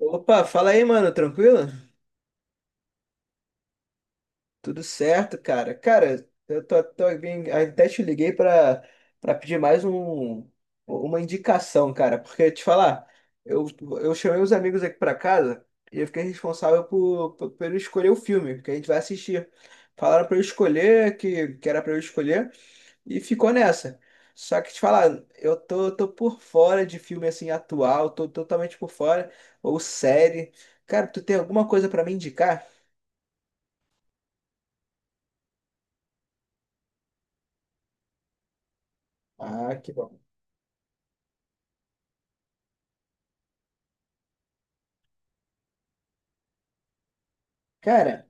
Opa, fala aí, mano, tranquilo? Tudo certo, cara. Cara, eu tô bem, até te liguei pra pedir mais um, uma indicação, cara, porque te falar, eu, eu chamei os amigos aqui pra casa e eu fiquei responsável por escolher o filme que a gente vai assistir. Falaram pra eu escolher, que era pra eu escolher, e ficou nessa. Só que te falar, eu tô por fora de filme assim atual, tô totalmente por fora, ou série. Cara, tu tem alguma coisa pra me indicar? Ah, que bom. Cara,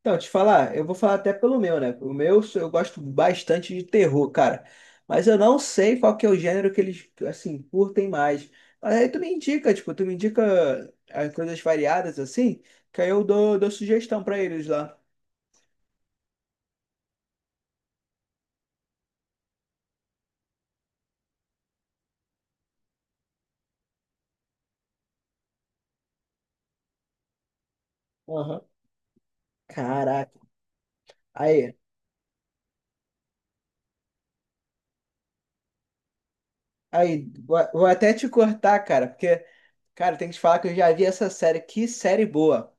então, te falar, eu vou falar até pelo meu, né? O meu, eu gosto bastante de terror, cara. Mas eu não sei qual que é o gênero que eles, assim, curtem mais. Mas aí tu me indica, tipo, tu me indica as coisas variadas, assim, que aí eu dou sugestão pra eles lá. Aham. Caraca. Aí, aí, vou até te cortar, cara, porque, cara, tem que te falar que eu já vi essa série. Que série boa.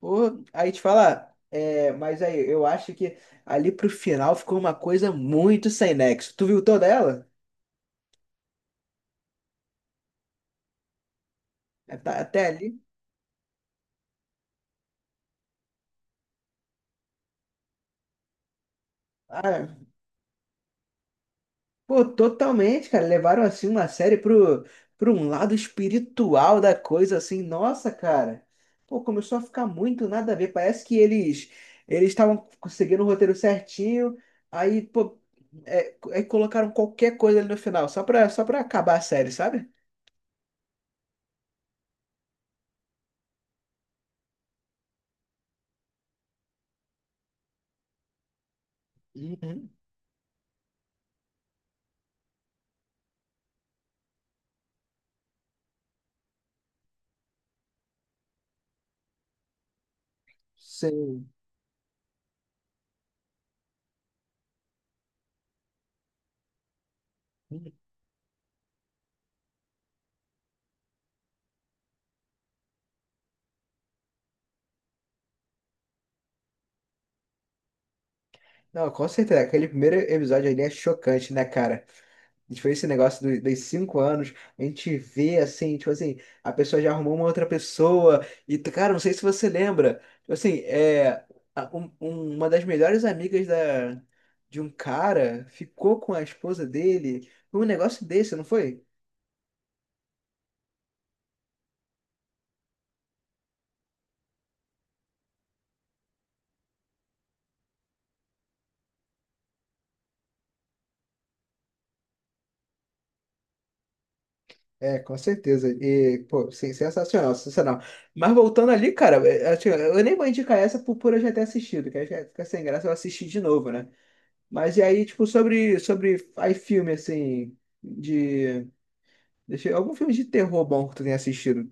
Pô, aí te falar, é, mas aí, eu acho que ali pro final ficou uma coisa muito sem nexo. Tu viu toda ela? É, tá, até ali? Ah, é. Pô, totalmente, cara. Levaram assim uma série pro, pro um lado espiritual da coisa, assim. Nossa, cara. Pô, começou a ficar muito nada a ver. Parece que eles estavam seguindo o roteiro certinho. Aí, pô, é, é, colocaram qualquer coisa ali no final, só pra acabar a série, sabe? Uhum. Sim. Não, com certeza. Aquele primeiro episódio ali é chocante, né, cara? A gente fez esse negócio do, dos 5 anos, a gente vê assim, tipo assim, a pessoa já arrumou uma outra pessoa, e cara, não sei se você lembra, tipo assim, é, a- um- um- uma das melhores amigas da, de um cara ficou com a esposa dele, foi um negócio desse, não foi? É, com certeza. E, pô, sim, sensacional, sensacional. Mas voltando ali, cara, é, assim, eu nem vou indicar essa por eu já ter assistido, que aí fica sem graça eu assistir de novo, né? Mas e aí, tipo, sobre aí filme, assim, de... Deixa eu... Algum filme de terror bom que tu tenha assistido?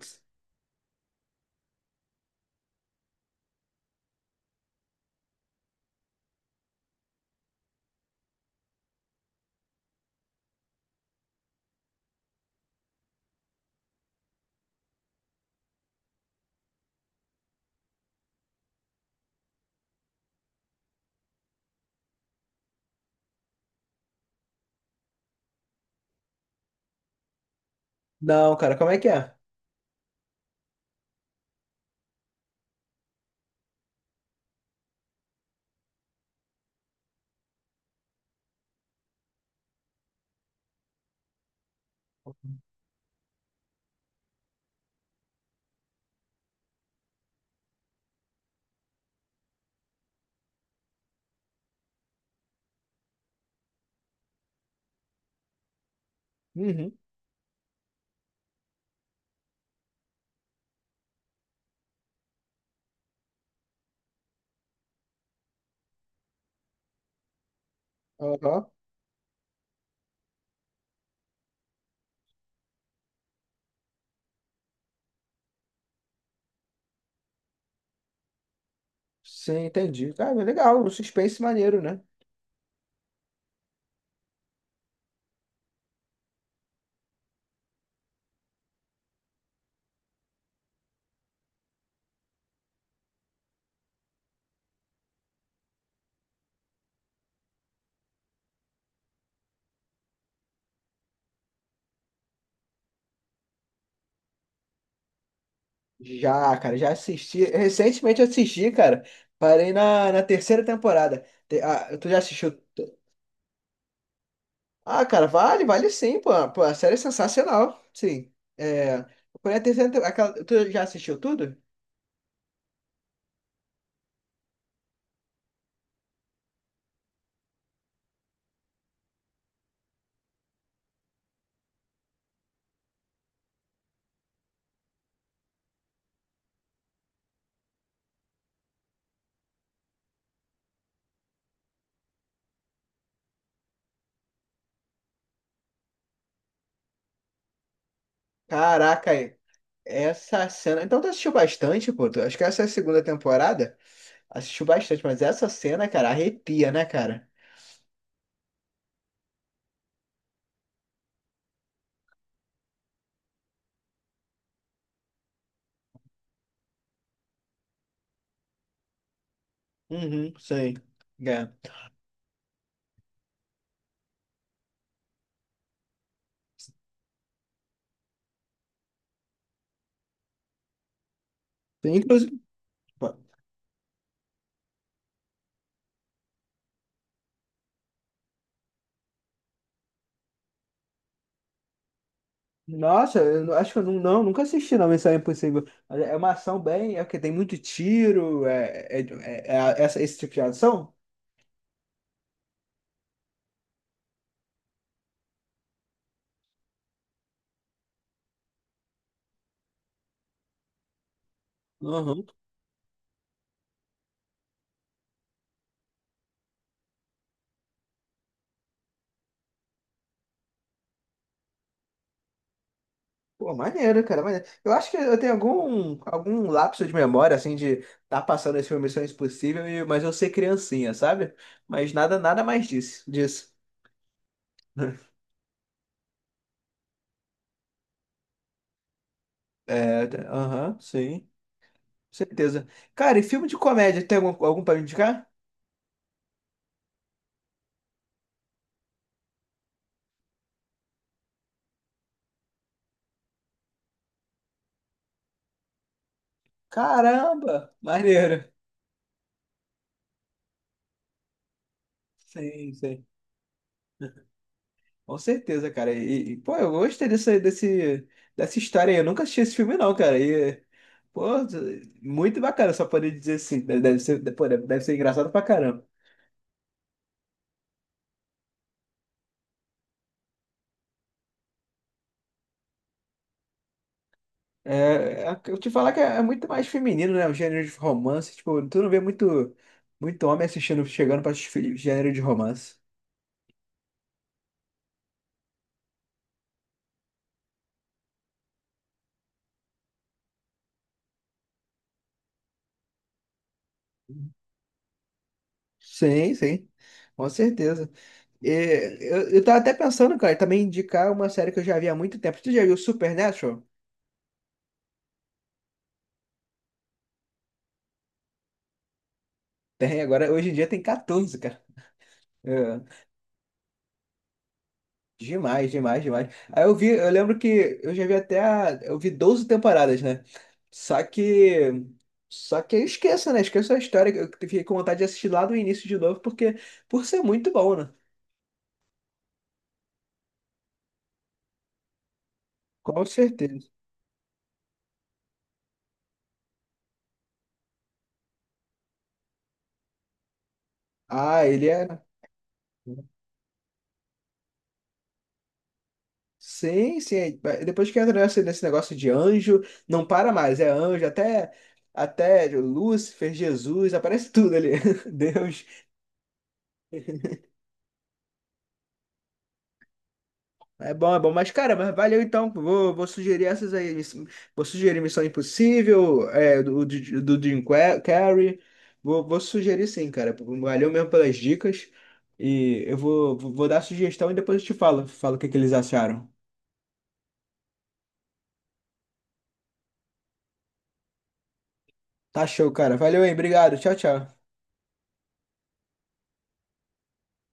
Não, cara, como é que é? Uhum. Aham. Sim, entendi. Cara, legal, um suspense maneiro, né? Já, cara, já assisti. Recentemente assisti, cara. Parei na terceira temporada. Te- ah, tu já assistiu? Ah, cara, vale, vale sim, pô. Pô, a série é sensacional. Sim. É. Porém, a terceira temporada. Tu já assistiu tudo? Caraca, essa cena. Então tu assistiu bastante, pô. Tu- acho que essa é a segunda temporada. Assistiu bastante, mas essa cena, cara, arrepia, né, cara? Uhum, sei. É. Tem, inclusive. Pô, nossa, eu não- acho que eu não, não, nunca assisti não, Missão Impossível. Mas é uma ação bem. É porque tem muito tiro, essa, esse tipo de ação? Uhum. Pô, maneiro, cara, maneiro. Eu acho que eu tenho algum, algum lapso de memória, assim, de tá passando esse filme Missão Impossível, e, mas eu ser criancinha, sabe? Mas nada, nada mais disso, disso. É, tá- aham, sim, certeza. Cara, e filme de comédia, tem algum, algum pra me indicar? Caramba, maneiro. Sim, sim, com certeza, cara. E, pô, eu gostei dessa, desse, dessa história aí. Eu nunca assisti esse filme, não, cara. E, pô, muito bacana, só poder dizer assim. Deve ser, pô, deve ser engraçado pra caramba. É, é- eu te falar que é muito mais feminino, né? O gênero de romance. Tipo, tu não vê muito, muito homem assistindo, chegando pra assistir gênero de romance. Sim, sim, com certeza. E, eu tava até pensando, cara, também indicar uma série que eu já vi há muito tempo. Tu já viu Supernatural? Tem, agora hoje em dia tem 14, cara. É, demais, demais, demais. Aí eu vi, eu lembro que eu já vi até a, eu vi 12 temporadas, né? Só que Só que eu esqueço, né? Esqueço a história. Que eu fiquei com vontade de assistir lá do início de novo, porque por ser muito bom, né? Com certeza. Ah, ele é. Sim, sim. É, é, depois que entra nesse negócio de anjo, não para mais. É anjo, até, até Lúcifer, Jesus, aparece tudo ali. Deus. É bom, é bom. Mas, cara, mas valeu então. Vou, vou sugerir essas aí. Miss- vou sugerir Missão Impossível, é, do Jim Qua- Carrey. Vou, vou sugerir sim, cara. Valeu mesmo pelas dicas. E eu vou, vou dar sugestão e depois eu te falo, falo o que que eles acharam. Tá show, cara. Valeu aí. Obrigado. Tchau, tchau.